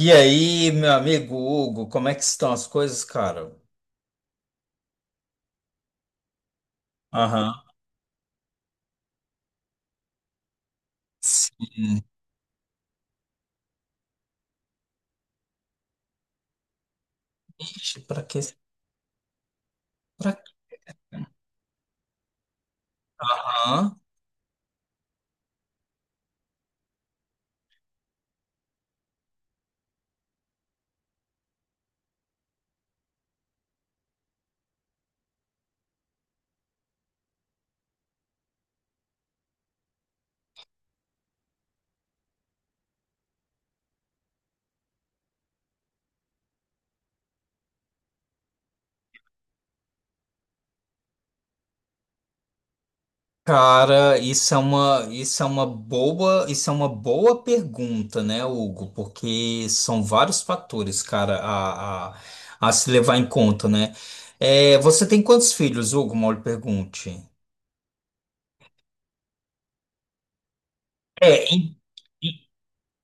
E aí, meu amigo Hugo, como é que estão as coisas, cara? Aham. Sim. Ixi, pra que? Pra quê? Aham. Cara, isso é uma boa pergunta, né, Hugo? Porque são vários fatores, cara, a se levar em conta, né? É, você tem quantos filhos, Hugo? Mal lhe pergunte. É.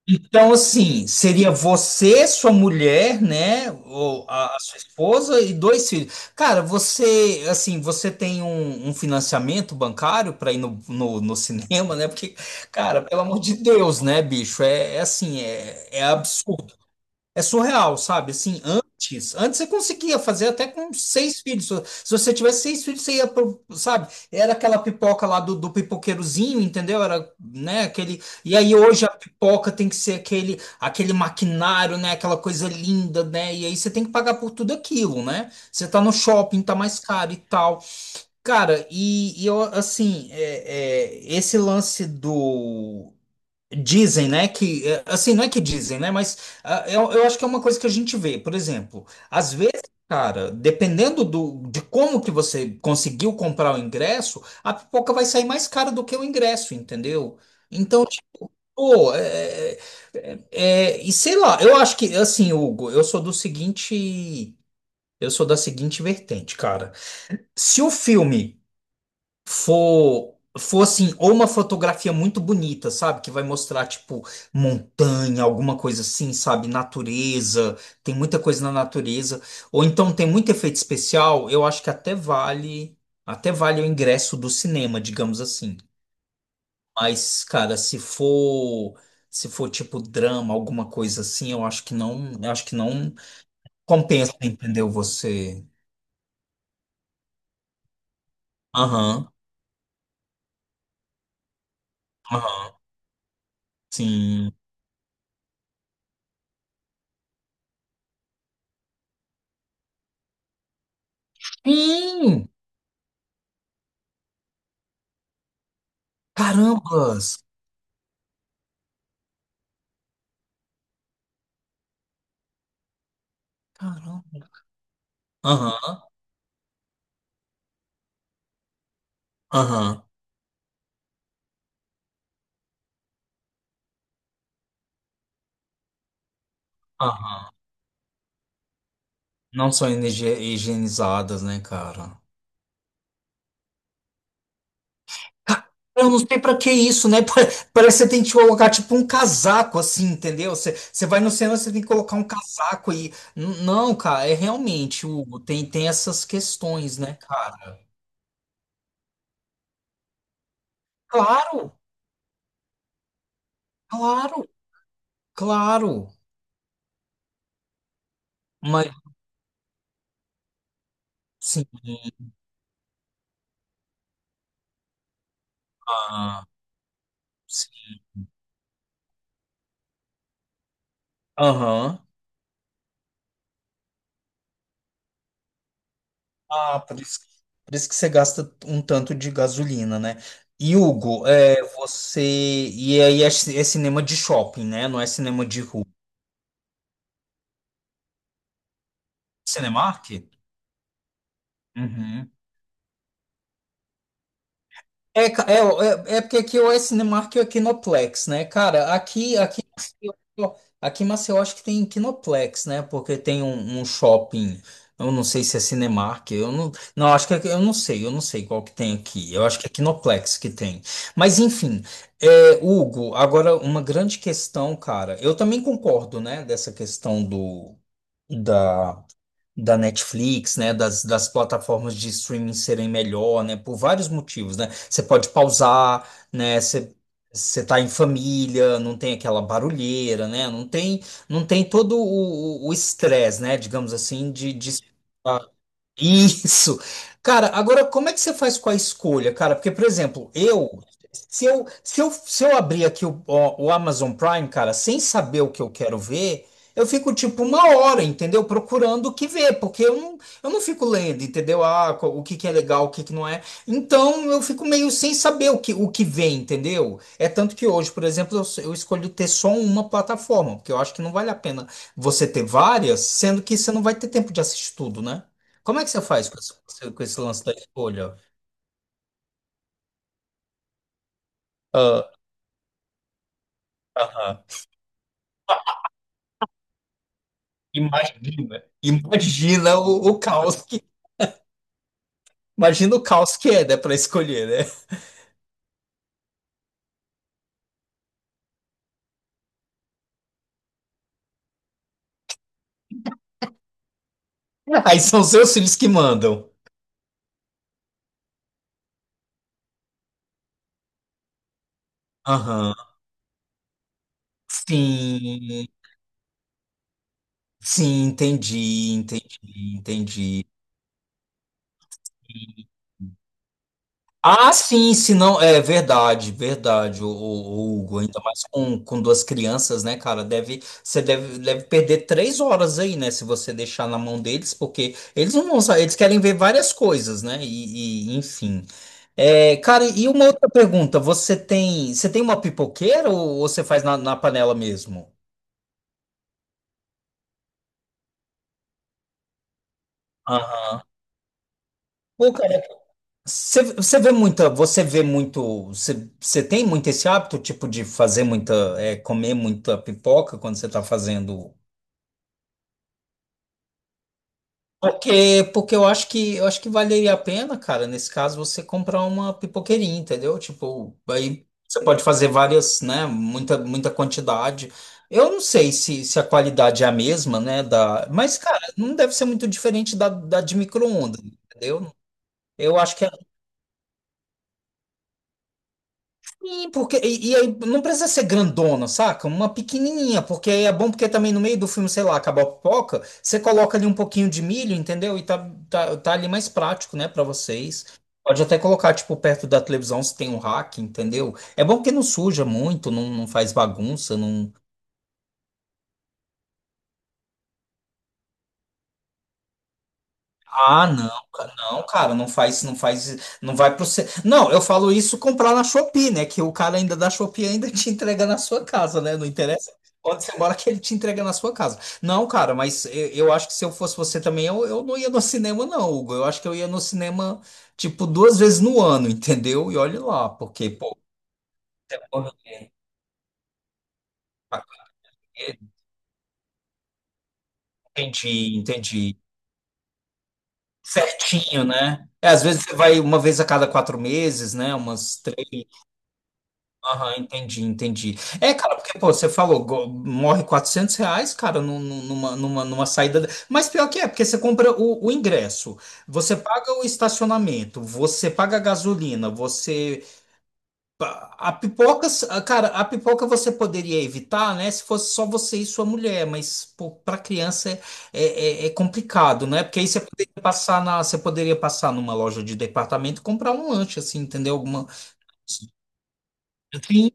Então, assim, seria você, sua mulher, né? Ou a sua esposa e dois filhos. Cara, você, assim, você tem um financiamento bancário para ir no cinema, né? Porque, cara, pelo amor de Deus, né, bicho? É, é assim, é absurdo. É surreal, sabe? Assim, antes você conseguia fazer até com seis filhos. Se você tivesse seis filhos, você ia pro, sabe? Era aquela pipoca lá do pipoqueirozinho, entendeu? Era, né, aquele. E aí hoje a pipoca tem que ser aquele maquinário, né? Aquela coisa linda, né? E aí você tem que pagar por tudo aquilo, né? Você tá no shopping, tá mais caro e tal. Cara, e eu, assim, esse lance do. Dizem, né, que, é, assim, não é que dizem, né, mas ah, eu acho que é uma coisa que a gente vê, por exemplo, às vezes, cara, dependendo do, de como que você conseguiu comprar o ingresso, a pipoca vai sair mais cara do que o ingresso, entendeu? Então, tipo, e sei lá, eu acho que, assim, Hugo, eu sou da seguinte vertente, cara, se o filme for assim, ou uma fotografia muito bonita, sabe? Que vai mostrar, tipo, montanha, alguma coisa assim, sabe? Natureza, tem muita coisa na natureza. Ou então tem muito efeito especial, eu acho que até vale o ingresso do cinema, digamos assim. Mas, cara, se for, se for tipo drama, alguma coisa assim, eu acho que não compensa, entendeu? Você. Aham, aham, sim. Sim! Carambas! Caramba. Aham, aham, aham. Não são higienizadas, né, cara? Ca- Eu não sei pra que isso, né? Parece que você tem que colocar tipo um casaco, assim, entendeu? Você vai no cinema, você tem que colocar um casaco e. Não, cara, é realmente, Hugo, tem essas questões, né, cara? Claro, claro, claro. Mas, sim. Ah, sim. Aham. Ah, por isso que você gasta um tanto de gasolina, né? E Hugo, é, você. E aí é, é cinema de shopping, né? Não é cinema de rua. É Cinemark? Uhum. É, porque aqui ou é Cinemark ou é Kinoplex, né? Cara, aqui, aqui, ó, aqui em Maceió acho que tem Kinoplex, né? Porque tem um shopping, eu não sei se é Cinemark, eu não, não acho que é, eu não sei qual que tem aqui. Eu acho que é Kinoplex que tem. Mas enfim, é, Hugo, agora uma grande questão, cara. Eu também concordo, né, dessa questão do da da Netflix, né, das plataformas de streaming serem melhor, né, por vários motivos, né? Você pode pausar, né, você tá em família, não tem aquela barulheira, né? Não tem todo o estresse, né, digamos assim, de isso. Cara, agora como é que você faz com a escolha, cara? Porque, por exemplo, eu, se eu abrir aqui o Amazon Prime, cara, sem saber o que eu quero ver, eu fico tipo uma hora, entendeu? Procurando o que ver, porque eu não fico lendo, entendeu? Ah, o que que é legal, o que que não é. Então, eu fico meio sem saber o que vem, entendeu? É tanto que hoje, por exemplo, eu escolho ter só uma plataforma, porque eu acho que não vale a pena você ter várias, sendo que você não vai ter tempo de assistir tudo, né? Como é que você faz com esse lance da escolha? Ah, aham. Imagina, imagina o, o caos que, imagina o caos que é, né, para escolher, né? Aí são seus filhos que mandam. Aham. Sim, sim, entendi, entendi, entendi. Ah, sim, se não, é verdade, verdade, o Hugo, ainda mais com duas crianças, né, cara, deve, você deve perder 3 horas aí, né, se você deixar na mão deles, porque eles não vão saber, eles querem ver várias coisas, né, enfim. É, cara, e uma outra pergunta, você tem uma pipoqueira ou você faz na panela mesmo? Aham. Pô, cara, Você vê muita, você vê muito, você tem muito esse hábito, tipo, de fazer muita, comer muita pipoca quando você está fazendo. Porque, porque eu acho que valeria a pena, cara, nesse caso, você comprar uma pipoqueirinha, entendeu? Tipo, aí você pode fazer várias, né? Muita, muita quantidade. Eu não sei se a qualidade é a mesma, né? Da, mas, cara, não deve ser muito diferente da de micro-ondas, entendeu? Eu acho que é. Sim, porque e aí não precisa ser grandona, saca? Uma pequenininha, porque aí é bom porque também no meio do filme, sei lá, acabou a pipoca, você coloca ali um pouquinho de milho, entendeu? E tá ali mais prático, né, pra vocês. Pode até colocar, tipo, perto da televisão se tem um rack, entendeu? É bom porque não suja muito, não, não faz bagunça, não. Ah, não, cara, não, cara, não faz, não faz, não vai pro você. Não, eu falo isso comprar na Shopee, né? Que o cara ainda da Shopee ainda te entrega na sua casa, né? Não interessa onde você mora que ele te entrega na sua casa. Não, cara, mas eu acho que se eu fosse você também, eu não ia no cinema, não, Hugo. Eu acho que eu ia no cinema, tipo, duas vezes no ano, entendeu? E olhe lá, porque, pô, você morre de maconheiro. Entendi, entendi. Certinho, né? É, às vezes você vai uma vez a cada 4 meses, né? Umas três. Aham, entendi, entendi. É, cara, porque, pô, você falou, morre R$ 400, cara, numa saída. Mas pior que é, porque você compra o ingresso, você paga o estacionamento, você paga a gasolina, você. A pipoca, cara, a pipoca você poderia evitar, né, se fosse só você e sua mulher, mas, pô, pra criança é, é complicado, né? Porque aí você poderia passar na, você poderia passar numa loja de departamento e comprar um lanche, assim, entendeu? Alguma. Sim.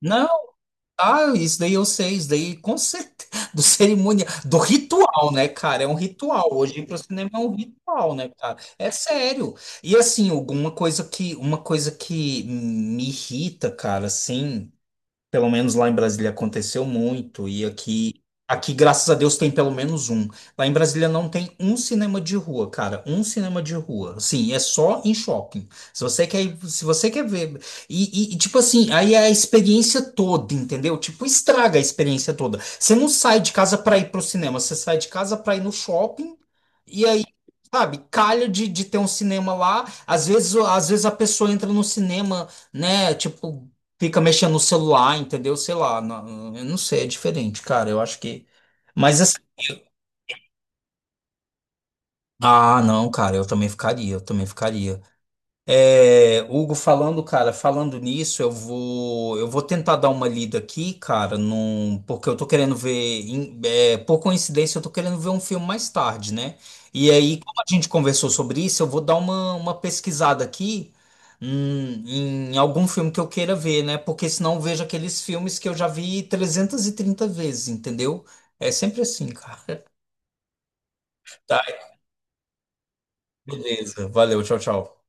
Não, ah, isso daí eu sei, isso daí com certeza, do cerimonial, do ritual, né, cara? É um ritual. Hoje ir pro cinema é um ritual, né, cara? É sério. E assim, alguma coisa que, uma coisa que me irrita, cara, assim. Pelo menos lá em Brasília aconteceu muito, e aqui, aqui, graças a Deus, tem pelo menos um. Lá em Brasília não tem um cinema de rua, cara, um cinema de rua. Assim, é só em shopping. Se você quer ver. Tipo assim, aí é a experiência toda, entendeu? Tipo, estraga a experiência toda. Você não sai de casa para ir pro cinema, você sai de casa para ir no shopping, e aí. Sabe, calha de ter um cinema lá. Às vezes a pessoa entra no cinema, né? Tipo, fica mexendo no celular, entendeu? Sei lá, não, eu não sei, é diferente, cara. Eu acho que. Mas assim. Ah, não, cara, eu também ficaria, eu também ficaria. É, Hugo, falando, cara, falando nisso, eu vou tentar dar uma lida aqui, cara, num, porque eu tô querendo ver, por coincidência, eu tô querendo ver um filme mais tarde, né? E aí, como a gente conversou sobre isso, eu vou dar uma pesquisada aqui, em algum filme que eu queira ver, né? Porque senão eu vejo aqueles filmes que eu já vi 330 vezes, entendeu? É sempre assim, cara. Tá, beleza. Valeu, tchau, tchau.